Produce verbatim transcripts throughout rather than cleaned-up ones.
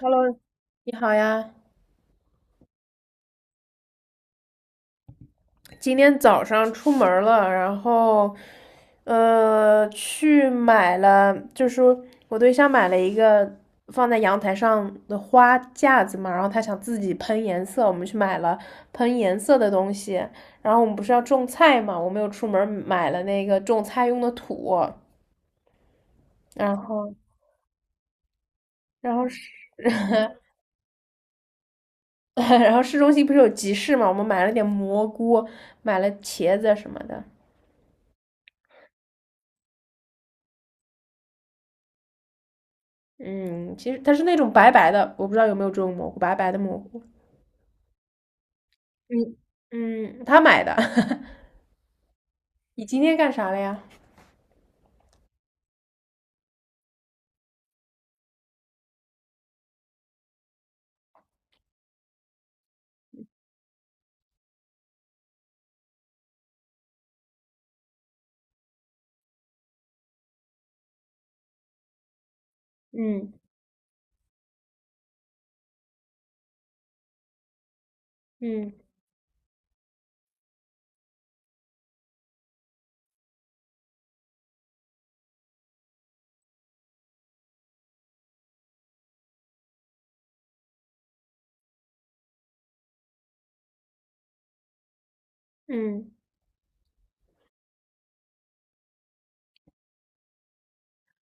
Hello，你好呀。今天早上出门儿了，然后，呃，去买了，就是我对象买了一个放在阳台上的花架子嘛，然后他想自己喷颜色，我们去买了喷颜色的东西。然后我们不是要种菜嘛，我们又出门儿买了那个种菜用的土，然后，然后市，然后市中心不是有集市嘛，我们买了点蘑菇，买了茄子什么的。嗯，其实它是那种白白的，我不知道有没有这种蘑菇，白白的蘑菇。嗯嗯，他买的。你今天干啥了呀？嗯嗯嗯，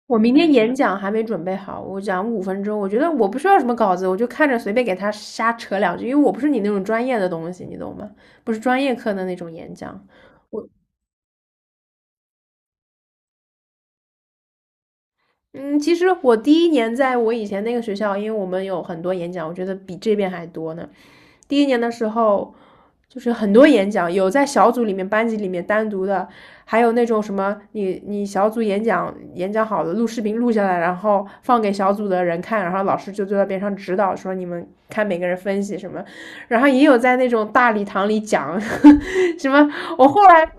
我明天演讲还没准备好，我讲五分钟，我觉得我不需要什么稿子，我就看着随便给他瞎扯两句，因为我不是你那种专业的东西，你懂吗？不是专业课的那种演讲。嗯，其实我第一年在我以前那个学校，因为我们有很多演讲，我觉得比这边还多呢。第一年的时候，就是很多演讲，有在小组里面、班级里面单独的，还有那种什么你你小组演讲演讲好了，录视频录下来，然后放给小组的人看，然后老师就坐在边上指导，说你们看每个人分析什么，然后也有在那种大礼堂里讲呵呵 什么。我后来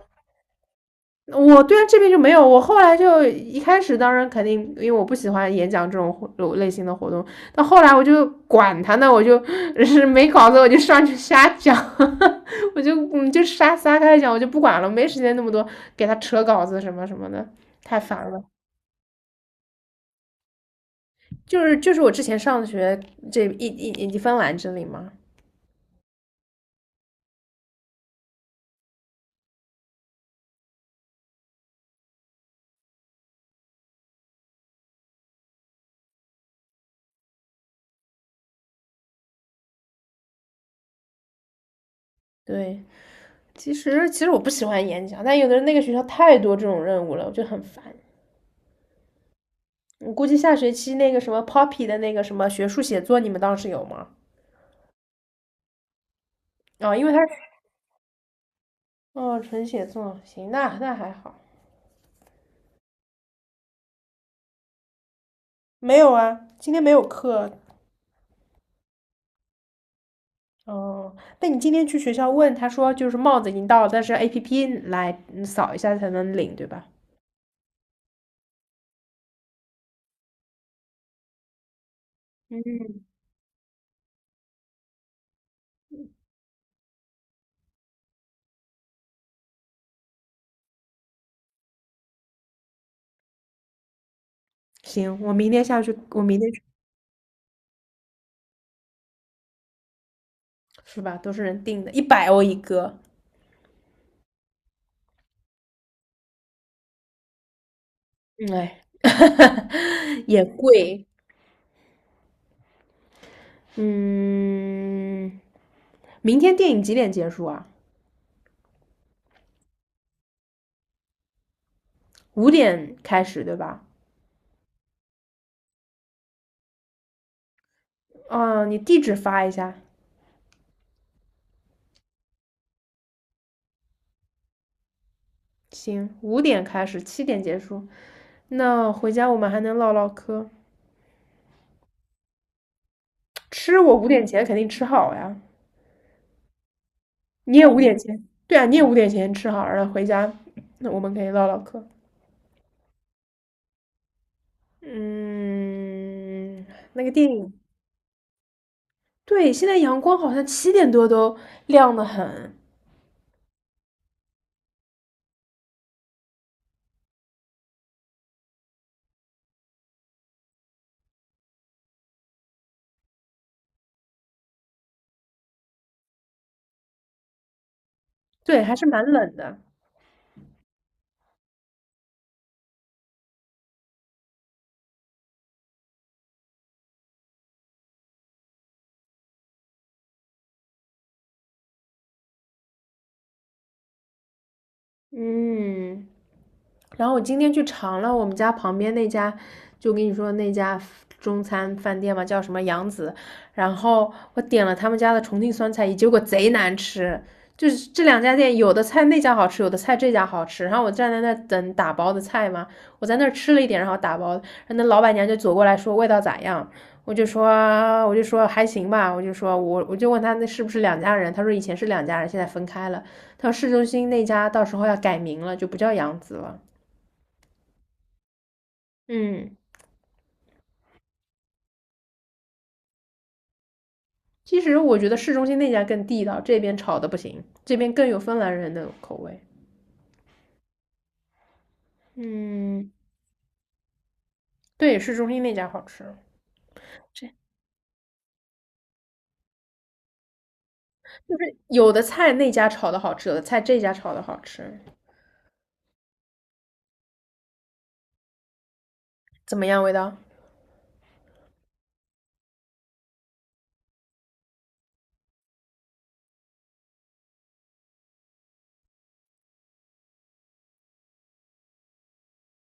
我对啊，这边就没有。我后来就一开始，当然肯定，因为我不喜欢演讲这种活类型的活动。到后来我就管他呢，我就 是没稿子我就上去瞎讲，我就嗯就瞎撒开讲，我就不管了，没时间那么多给他扯稿子什么什么的，太烦了。就是就是我之前上学这一一一芬兰这里嘛，对，其实其实我不喜欢演讲，但有的人那个学校太多这种任务了，我就很烦。我估计下学期那个什么 Poppy 的那个什么学术写作，你们当时有吗？啊、因为他是哦，纯写作，行，那那还好。没有啊，今天没有课。哦，那你今天去学校问，他说就是帽子已经到了，但是 A P P 来嗯扫一下才能领，对吧？嗯，行，我明天下去，我明天去，是吧？都是人定的，一百欧一个，嗯哎，也贵。嗯，明天电影几点结束啊？五点开始，对吧？哦，你地址发一下，行，五点开始，七点结束。那回家我们还能唠唠嗑。吃我五点前肯定吃好呀，你也五点前，对啊，你也五点前吃好，然后回家，那我们可以唠唠嗑。嗯，那个电影，对，现在阳光好像七点多都亮得很，对，还是蛮冷的。嗯。然后我今天去尝了我们家旁边那家，就跟你说那家中餐饭店嘛，叫什么杨子。然后我点了他们家的重庆酸菜鱼，结果贼难吃。就是这两家店，有的菜那家好吃，有的菜这家好吃。然后我站在那等打包的菜嘛，我在那儿吃了一点，然后打包，然后那老板娘就走过来说味道咋样？我就说我就说还行吧，我就说我我就问他那是不是两家人？他说以前是两家人，现在分开了。他说市中心那家到时候要改名了，就不叫杨子了。嗯，其实我觉得市中心那家更地道，这边炒的不行，这边更有芬兰人的口味。嗯，对，市中心那家好吃，这就是有的菜那家炒的好吃，有的菜这家炒的好吃。怎么样，味道？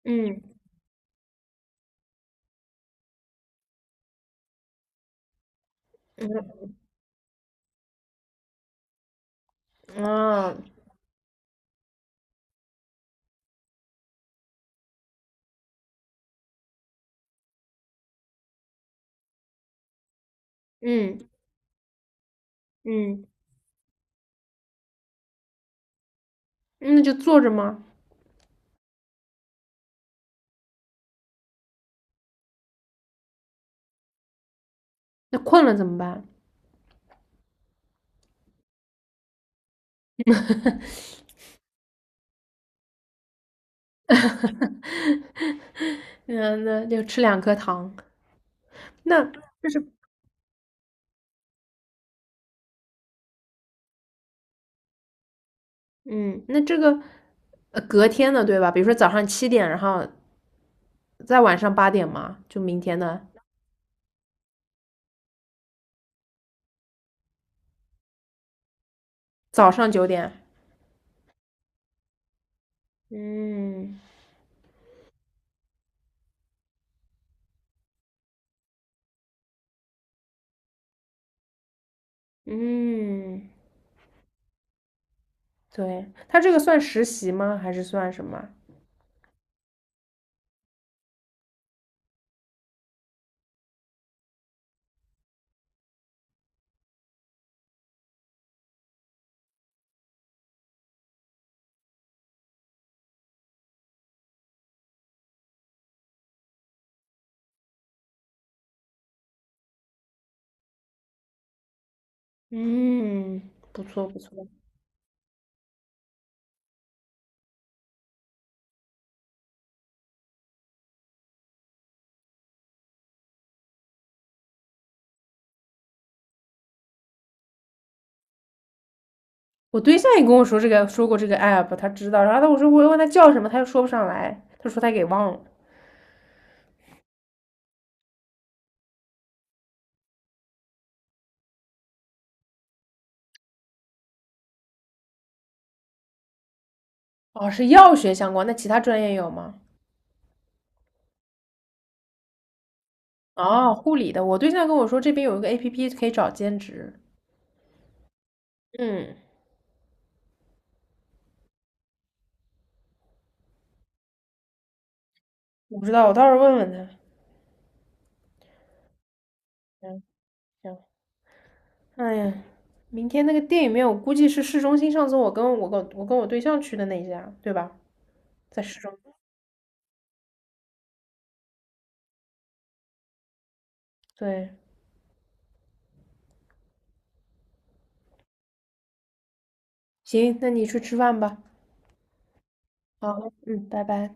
嗯，啊，嗯嗯，那就坐着吗？那困了怎么办？那那就吃两颗糖。那就是，嗯，那这个呃隔天的对吧？比如说早上七点，然后在晚上八点嘛，就明天的早上九点。嗯嗯对，他这个算实习吗？还是算什么？嗯，不错不错。我对象也跟我说这个，说过这个 app，他知道。然后他我说我问他叫什么，他又说不上来，他说他给忘了。哦，是药学相关，那其他专业有吗？哦，护理的。我对象跟我说这边有一个 app 可以找兼职，嗯，我不知道，我到时候问问他。行行，哎呀，明天那个电影院，我估计是市中心。上次我跟我跟我跟我对象去的那一家，对吧？在市中。对，行，那你去吃饭吧。好，嗯，拜拜。